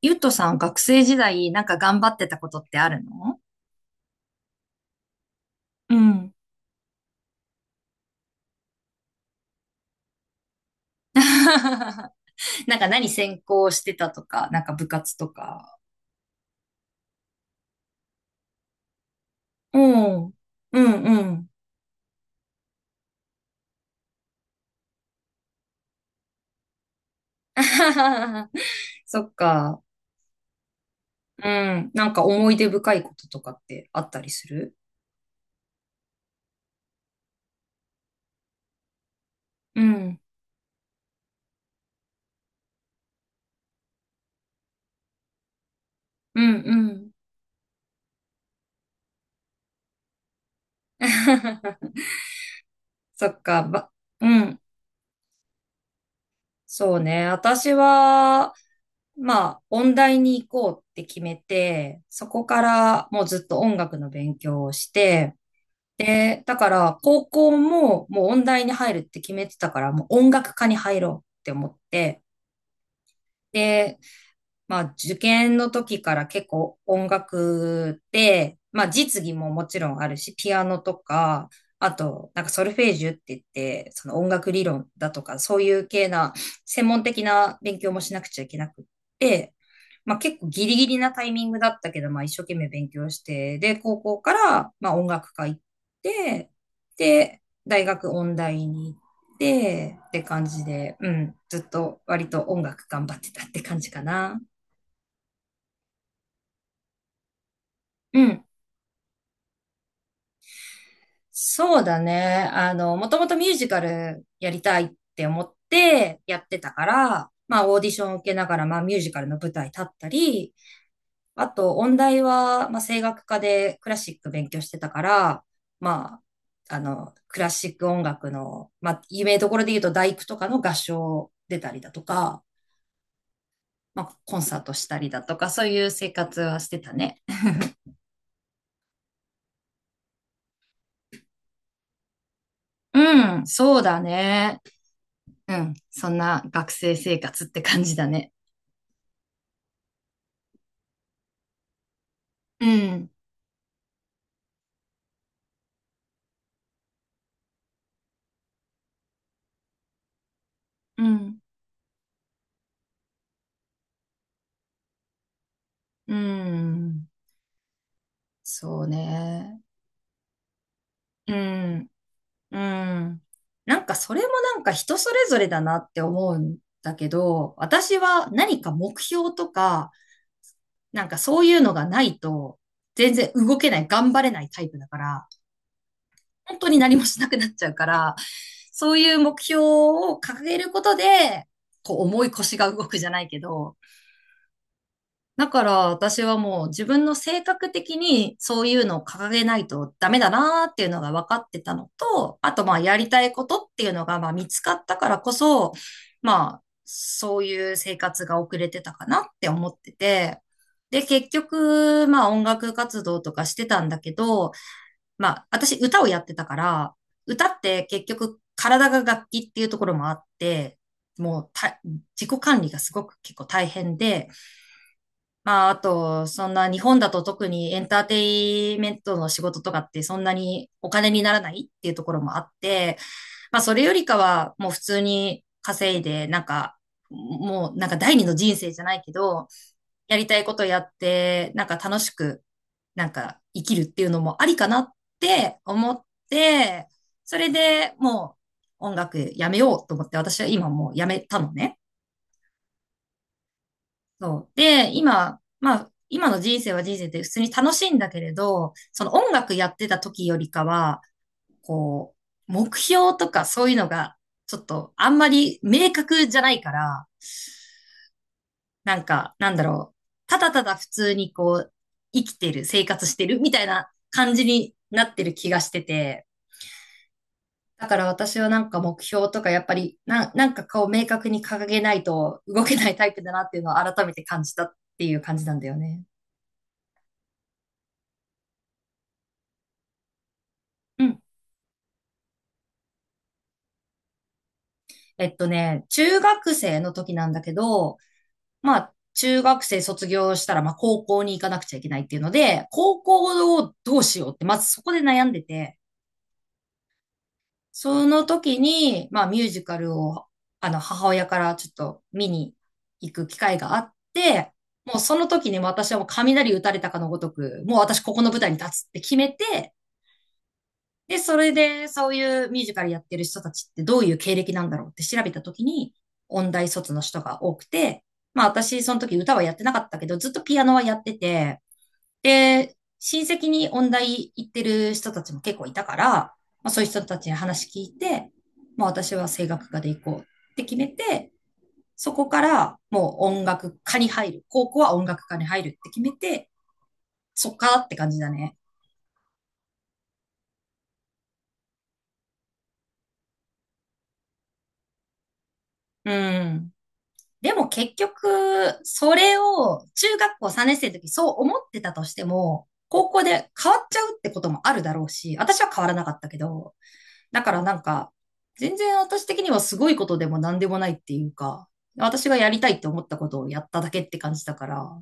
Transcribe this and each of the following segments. ゆっとさん、学生時代、なんか頑張ってたことってあるの？うん。なんか何専攻してたとか、なんか部活とか。おう。うんうん。そっか。うん。なんか思い出深いこととかってあったりする？うん。うんうん。そっか。うん。そうね。私は、まあ、音大に行こうって決めて、そこからもうずっと音楽の勉強をして、で、だから高校ももう音大に入るって決めてたから、もう音楽科に入ろうって思って、で、まあ、受験の時から結構音楽でまあ、実技ももちろんあるし、ピアノとか、あと、なんかソルフェージュって言って、その音楽理論だとか、そういう系な、専門的な勉強もしなくちゃいけなくって、まあ、結構ギリギリなタイミングだったけど、まあ、一生懸命勉強して、で、高校から、まあ、音楽科行って、で、大学音大に行って、って感じで、うん、ずっと割と音楽頑張ってたって感じかな。うん。そうだね。あの、もともとミュージカルやりたいって思ってやってたから、まあオーディションを受けながら、まあミュージカルの舞台立ったり、あと音大は、まあ声楽科でクラシック勉強してたから、まあ、あの、クラシック音楽の、まあ有名どころで言うと大工とかの合唱出たりだとか、まあコンサートしたりだとか、そういう生活はしてたね。うん、そうだね。うん、そんな学生生活って感じだね。うん、うん。うん、そうね。うん、うん。なんかそれもなんか人それぞれだなって思うんだけど、私は何か目標とか、なんかそういうのがないと、全然動けない、頑張れないタイプだから、本当に何もしなくなっちゃうから、そういう目標を掲げることで、こう重い腰が動くじゃないけど、だから私はもう自分の性格的にそういうのを掲げないとダメだなーっていうのが分かってたのと、あとまあやりたいことっていうのがまあ見つかったからこそ、まあそういう生活が遅れてたかなって思ってて、で結局まあ音楽活動とかしてたんだけど、まあ私歌をやってたから、歌って結局体が楽器っていうところもあって、もうた自己管理がすごく結構大変で、まあ、あと、そんな日本だと特にエンターテイメントの仕事とかってそんなにお金にならないっていうところもあって、まあ、それよりかはもう普通に稼いで、なんか、もうなんか第二の人生じゃないけど、やりたいことやって、なんか楽しく、なんか生きるっていうのもありかなって思って、それでもう音楽やめようと思って私は今もうやめたのね。そう。で、今、まあ、今の人生は人生で普通に楽しいんだけれど、その音楽やってた時よりかは、こう、目標とかそういうのが、ちょっとあんまり明確じゃないから、なんか、なんだろう、ただただ普通にこう、生きてる、生活してるみたいな感じになってる気がしてて、だから私はなんか目標とかやっぱりな、なんかこう明確に掲げないと動けないタイプだなっていうのを改めて感じたっていう感じなんだよね。うん。中学生の時なんだけど、まあ、中学生卒業したら、まあ、高校に行かなくちゃいけないっていうので、高校をどうしようって、まずそこで悩んでて、その時に、まあ、ミュージカルを、あの、母親からちょっと見に行く機会があって、もうその時に私はもう雷打たれたかのごとく、もう私ここの舞台に立つって決めて、で、それで、そういうミュージカルやってる人たちってどういう経歴なんだろうって調べたときに、音大卒の人が多くて、まあ私、その時歌はやってなかったけど、ずっとピアノはやってて、で、親戚に音大行ってる人たちも結構いたから、まあそういう人たちに話聞いて、まあ私は声楽科で行こうって決めて、そこからもう音楽科に入る。高校は音楽科に入るって決めて、そっかって感じだね。うん。でも結局、それを中学校3年生の時そう思ってたとしても、高校で変わっちゃうってこともあるだろうし、私は変わらなかったけど、だからなんか、全然私的にはすごいことでも何でもないっていうか、私がやりたいって思ったことをやっただけって感じだから、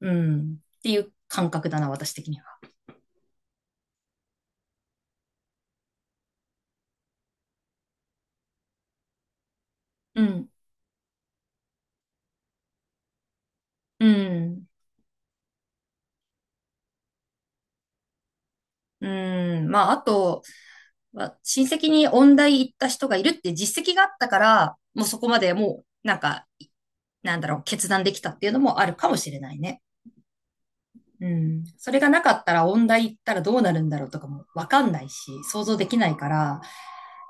うん、っていう感覚だな、私的には。うん、うん。うん。まあ、あと、まあ親戚に音大行った人がいるって実績があったから、もうそこまでもう、なんか、なんだろう、決断できたっていうのもあるかもしれないね。うん。それがなかったら音大行ったらどうなるんだろうとかもわかんないし、想像できないから、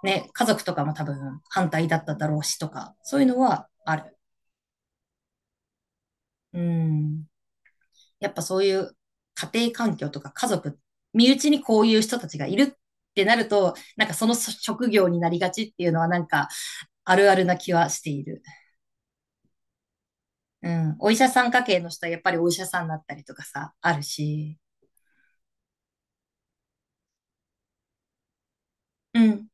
ね、家族とかも多分反対だっただろうしとか、そういうのはある。うん。やっぱそういう家庭環境とか家族、身内にこういう人たちがいるってなると、なんかその職業になりがちっていうのはなんかあるあるな気はしている。うん。お医者さん家系の人はやっぱりお医者さんだったりとかさ、あるし。うん。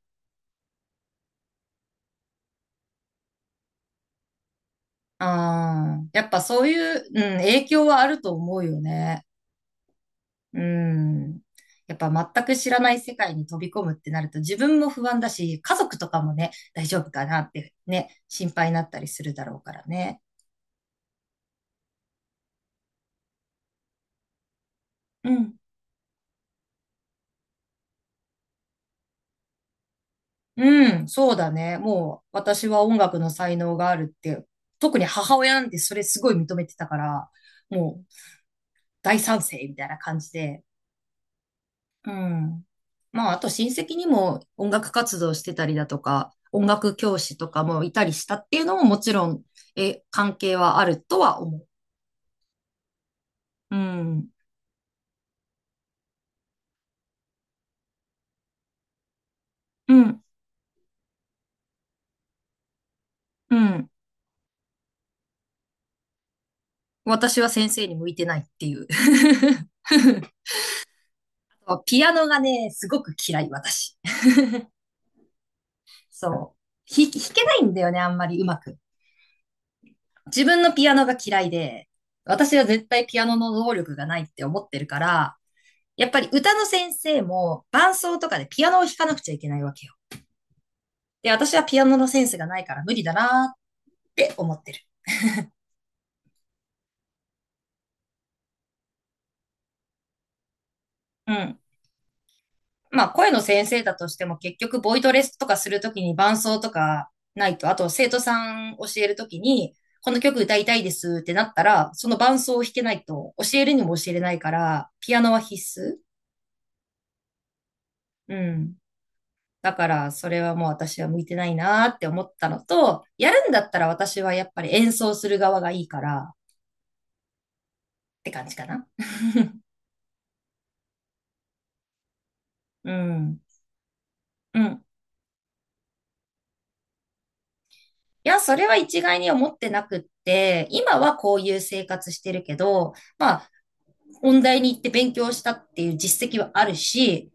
ああ、やっぱそういう、うん、影響はあると思うよね。うん。やっぱ全く知らない世界に飛び込むってなると自分も不安だし、家族とかもね、大丈夫かなってね、心配になったりするだろうからね。うん。うん、そうだね。もう私は音楽の才能があるって、特に母親なんてそれすごい認めてたから、もう大賛成みたいな感じで、うん。まあ、あと親戚にも音楽活動してたりだとか、音楽教師とかもいたりしたっていうのももちろん、え、関係はあるとは思う。うん。うん。うん。私は先生に向いてないっていう。ピアノがね、すごく嫌い、私。そう。弾けないんだよね、あんまりうまく。自分のピアノが嫌いで、私は絶対ピアノの能力がないって思ってるから、やっぱり歌の先生も伴奏とかでピアノを弾かなくちゃいけないわけよ。で、私はピアノのセンスがないから無理だなーって思ってる。うん。まあ、声の先生だとしても結局ボイトレスとかするときに伴奏とかないと、あと生徒さん教えるときに、この曲歌いたいですってなったら、その伴奏を弾けないと教えるにも教えれないから、ピアノは必須。うん。だから、それはもう私は向いてないなーって思ったのと、やるんだったら私はやっぱり演奏する側がいいからって感じかな。うん。うん。いや、それは一概に思ってなくって、今はこういう生活してるけど、まあ、音大に行って勉強したっていう実績はあるし、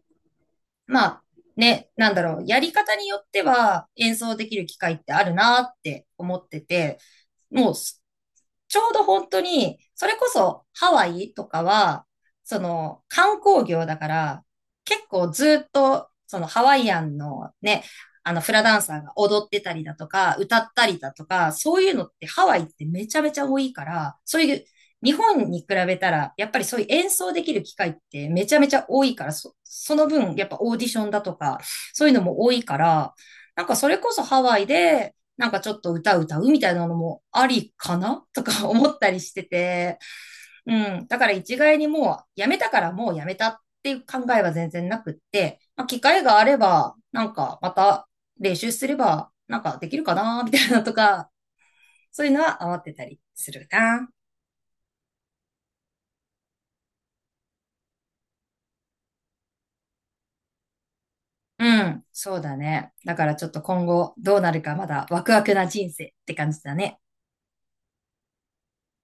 まあ、ね、なんだろう、やり方によっては演奏できる機会ってあるなって思ってて、もうちょうど本当に、それこそハワイとかは、その観光業だから、結構ずっと、そのハワイアンのね、あのフラダンサーが踊ってたりだとか、歌ったりだとか、そういうのってハワイってめちゃめちゃ多いから、そういう日本に比べたら、やっぱりそういう演奏できる機会ってめちゃめちゃ多いから、その分、やっぱオーディションだとか、そういうのも多いから、なんかそれこそハワイで、なんかちょっと歌歌うみたいなのもありかな とか思ったりしてて、うん。だから一概にもうやめたからもうやめたっていう考えは全然なくって、まあ、機会があれば、なんかまた練習すれば、なんかできるかなみたいなとか、そういうのは思ってたりするな。うん、そうだね。だからちょっと今後どうなるかまだワクワクな人生って感じだね。